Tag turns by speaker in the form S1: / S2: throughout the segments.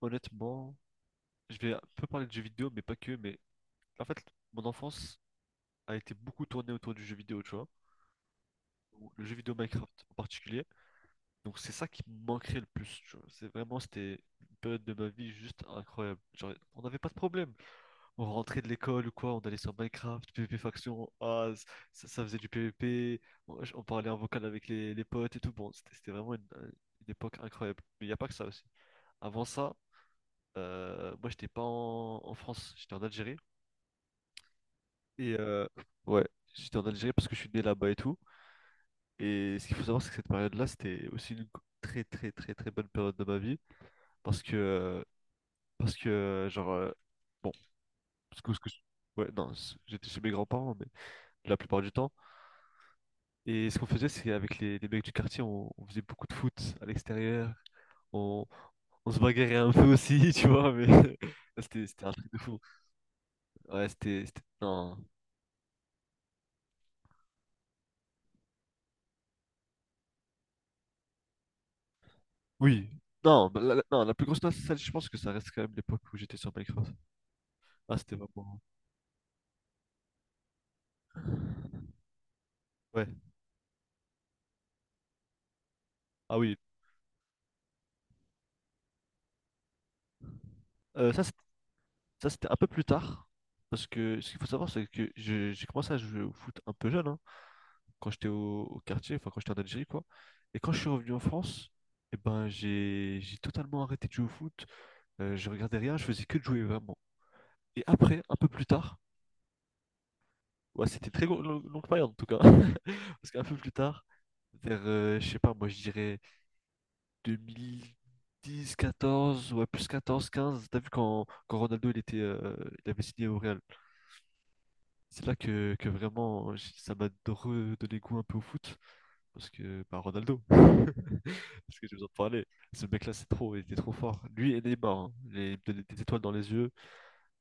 S1: Honnêtement, je vais un peu parler de jeux vidéo, mais pas que. Mais en fait, mon enfance a été beaucoup tournée autour du jeu vidéo, tu vois. Ou le jeu vidéo Minecraft en particulier. Donc c'est ça qui me manquerait le plus, tu vois. C'est vraiment, c'était une période de ma vie juste incroyable. Genre, on n'avait pas de problème. On rentrait de l'école ou quoi, on allait sur Minecraft, PvP Faction, ah, ça faisait du PvP. On parlait en vocal avec les potes et tout. Bon, c'était vraiment une époque incroyable. Mais il n'y a pas que ça aussi. Avant ça, moi, j'étais pas en France, j'étais en Algérie. Et ouais, j'étais en Algérie parce que je suis né là-bas et tout. Et ce qu'il faut savoir, c'est que cette période-là, c'était aussi une très très très très bonne période de ma vie. Parce que, euh, parce que euh, genre, euh, bon, parce que, parce que- ouais, non, j'étais chez mes grands-parents, mais la plupart du temps. Et ce qu'on faisait, c'est avec les mecs du quartier, on faisait beaucoup de foot à l'extérieur. On, on se bagarrait un peu aussi, tu vois, mais c'était un truc de fou. Ouais, c'était. Non. Oui. Non, bah, non, la plus grosse salle, je pense que ça reste quand même l'époque où j'étais sur Minecraft. Ah, c'était vraiment. Ouais. Ah oui. Euh, ça, c'était ça, c'était un peu plus tard. Parce que ce qu'il faut savoir, c'est que j'ai commencé à jouer au foot un peu jeune, hein, quand j'étais au quartier, enfin quand j'étais en Algérie, quoi. Et quand je suis revenu en France, eh ben, j'ai totalement arrêté de jouer au foot. Je regardais rien, je faisais que de jouer vraiment. Et après, un peu plus tard, ouais, c'était très longue période en tout cas. Parce qu'un peu plus tard, vers, je sais pas, moi je dirais, deux mille dix quatorze, ouais, plus 14 quinze. T'as vu quand Ronaldo il avait signé au Real. C'est là que vraiment ça m'a redonné goût un peu au foot. Parce que, bah, Ronaldo, parce que je vous en parler. Ce mec-là, c'est trop, il était trop fort. Lui et Neymar, hein. Il des étoiles dans les yeux.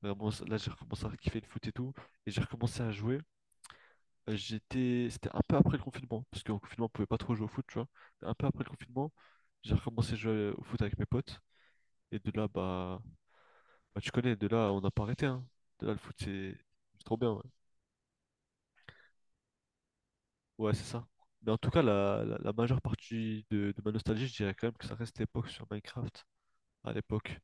S1: Vraiment, là, j'ai recommencé à kiffer le foot et tout. Et j'ai recommencé à jouer. C'était un peu après le confinement, parce qu'en confinement, on pouvait pas trop jouer au foot, tu vois. Un peu après le confinement, j'ai recommencé à jouer au foot avec mes potes. Et de là, bah, tu connais, de là, on n'a pas arrêté, hein. De là, le foot, c'est trop bien, ouais. Ouais, c'est ça. Mais en tout cas, la majeure partie de ma nostalgie, je dirais quand même que ça reste l'époque sur Minecraft, à l'époque.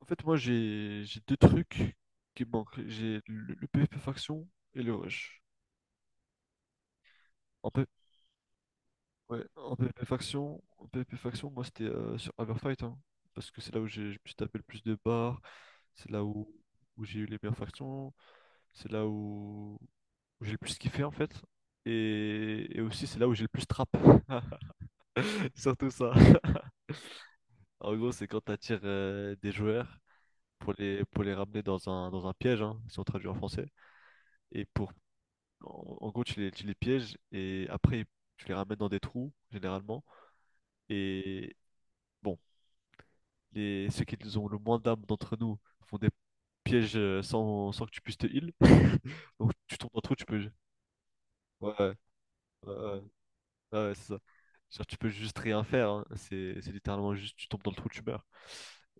S1: En fait, moi, j'ai deux trucs qui me manquent. J'ai le PvP faction et le rush. En, P- ouais, en PvP faction, moi, c'était sur Everfight, hein, parce que c'est là où je me suis tapé le plus de barres, c'est là où j'ai eu les meilleures factions. C'est là où j'ai le plus kiffé en fait. Et aussi c'est là où j'ai le plus trap. Surtout ça. En gros, c'est quand t'attires des joueurs pour les ramener dans un piège, hein, si on traduit en français. Et pour, en gros, tu les pièges et après, tu les ramènes dans des trous, généralement. Et bon, ceux qui ont le moins d'âme d'entre nous font des pièges sans que tu puisses te heal. Donc tu tombes dans le trou, tu peux. Ouais, ouais, ouais. Ouais. Ah ouais, c'est ça. Genre, tu peux juste rien faire, hein. C'est littéralement juste, tu tombes dans le trou, tu meurs.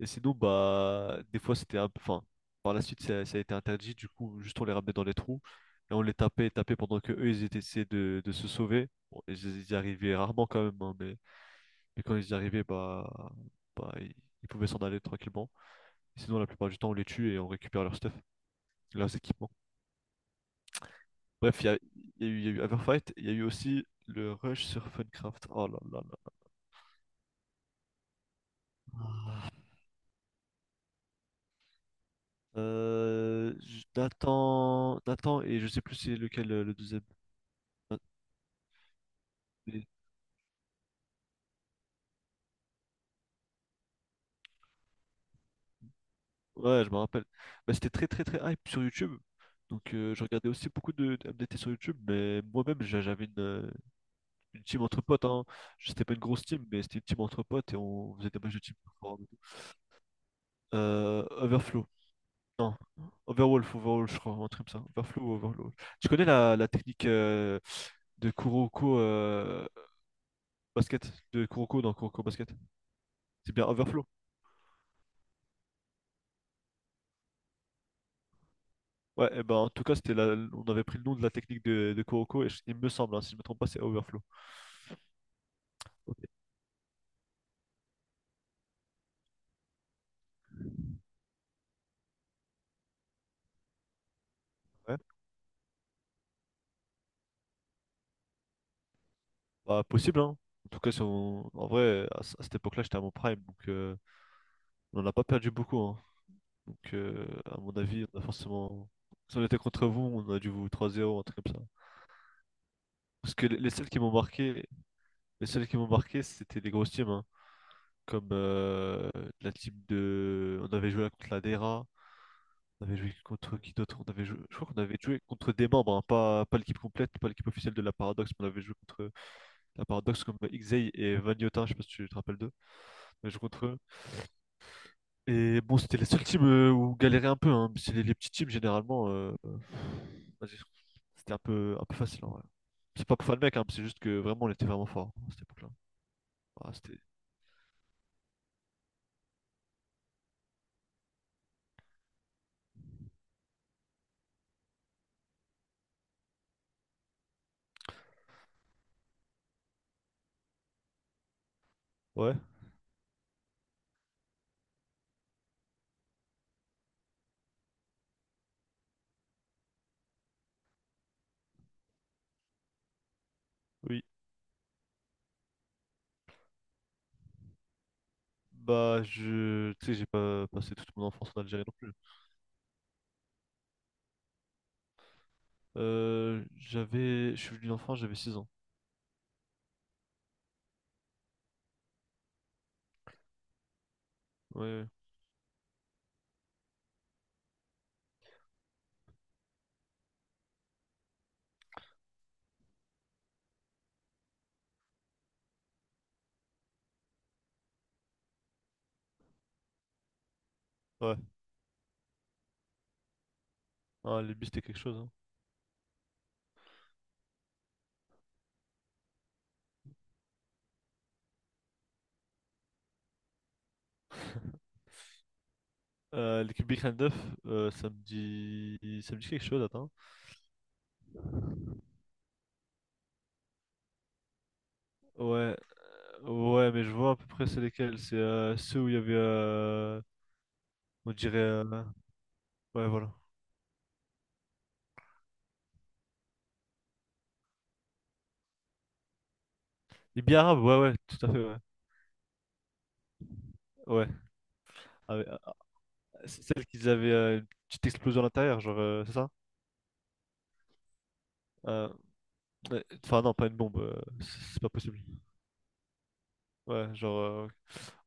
S1: Et sinon, bah, des fois, c'était un peu. Enfin, par la suite, ça a été interdit. Du coup, juste on les ramenait dans les trous et on les tapait, tapait pendant que eux, ils étaient essayés de se sauver. Bon, ils y arrivaient rarement quand même, hein, mais quand ils y arrivaient, bah ils pouvaient s'en aller tranquillement. Sinon, la plupart du temps, on les tue et on récupère leur stuff, leurs équipements. Bref, il y a eu, il y a eu Everfight, il y a eu aussi le rush sur Funcraft. Oh là là là. Nathan et je sais plus c'est lequel le deuxième. Ah, mais- ouais, je me rappelle. Bah, c'était très très très hype sur YouTube. Donc je regardais aussi beaucoup de MDT sur YouTube, mais moi-même j'avais une team entre potes, hein. C'était pas une grosse team, mais c'était une team entre potes et on faisait des matchs de team. Overflow. Non. Overwolf, Overwolf, je crois, un truc comme ça. Overflow, ou Overwolf. Tu connais la technique de Kuroko basket, de Kuroko dans Kuroko basket? C'est bien Overflow. Ouais, eh ben, en tout cas, on avait pris le nom de la technique de Kuroko, et il me semble, hein, si je ne me trompe pas, c'est Overflow. Ok. Ouais. Bah, possible, hein. En tout cas, si on- en vrai, à cette époque-là, j'étais à mon prime, donc on n'a pas perdu beaucoup, hein. Donc, à mon avis, on a forcément. Si on était contre vous, on a dû vous 3-0, un truc comme ça. Parce que les seules qui m'ont marqué, les seules qui m'ont marqué, c'était les grosses teams, hein. Comme la team de. on avait joué contre la DERA. On avait joué contre qui d'autre? On avait joué. Je crois qu'on avait joué contre des membres, hein, pas l'équipe complète, pas l'équipe officielle de la Paradox, mais on avait joué contre la Paradox comme Xey et Vagnotin, je sais pas si tu te rappelles d'eux. On avait joué contre eux. Et bon, c'était la seule team où on galérait un peu, hein. Mais c'est les petits teams généralement. Vas-y. C'était un peu facile en vrai. C'est pas pour faire le mec, hein, c'est juste que vraiment on était vraiment fort à cette époque-là. Ah, c'était. Ouais, oui. Bah, je, tu sais, j'ai pas passé toute mon enfance en Algérie non plus. Je suis venu en France, j'avais 6 ans. Ouais, ouais. Ouais, non, les bus, c'était quelque chose, hein. L'équipe Big 9 euh, ça me dit... ça me dit quelque chose, attends. Ouais, ouais, mais je vois à peu près c'est lesquels. C'est ceux où il y avait, on dirait. Ouais, voilà. Les billes arabes, ouais, ouais, tout à fait, ouais. Ouais, avec- euh, c'est celle qu'ils avaient une petite explosion à l'intérieur, genre, c'est ça? Euh, ouais. Enfin, non, pas une bombe, c'est pas possible. Ouais,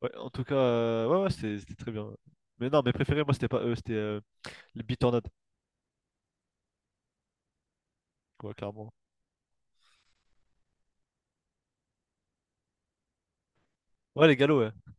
S1: ouais, en tout cas, ouais, ouais, c'était très bien. Mais non, mes préférés, moi, c'était pas eux, c'était les bitornades, quoi, clairement. Ouais, les galops, ouais.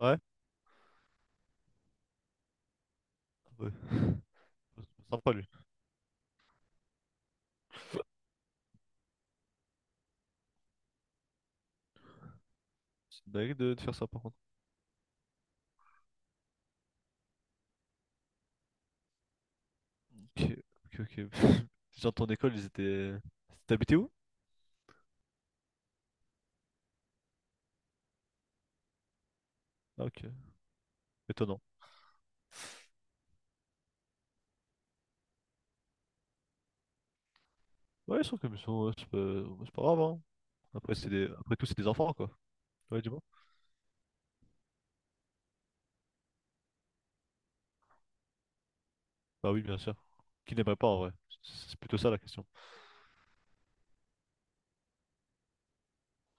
S1: Ouais. Ouais. Sympa lui. C'est une dinguerie de faire ça par contre. Ok, ok, ok. Les gens de ton école, ils étaient. T'habitais où? Ah, ok. Étonnant. Ouais, ils sont comme ils sont, ouais, c'est pas grave, hein. Après, Après tout, c'est des enfants, quoi. Ouais, dis-moi. Bah oui, bien sûr. Qui n'aimerait pas en vrai? C'est plutôt ça la question.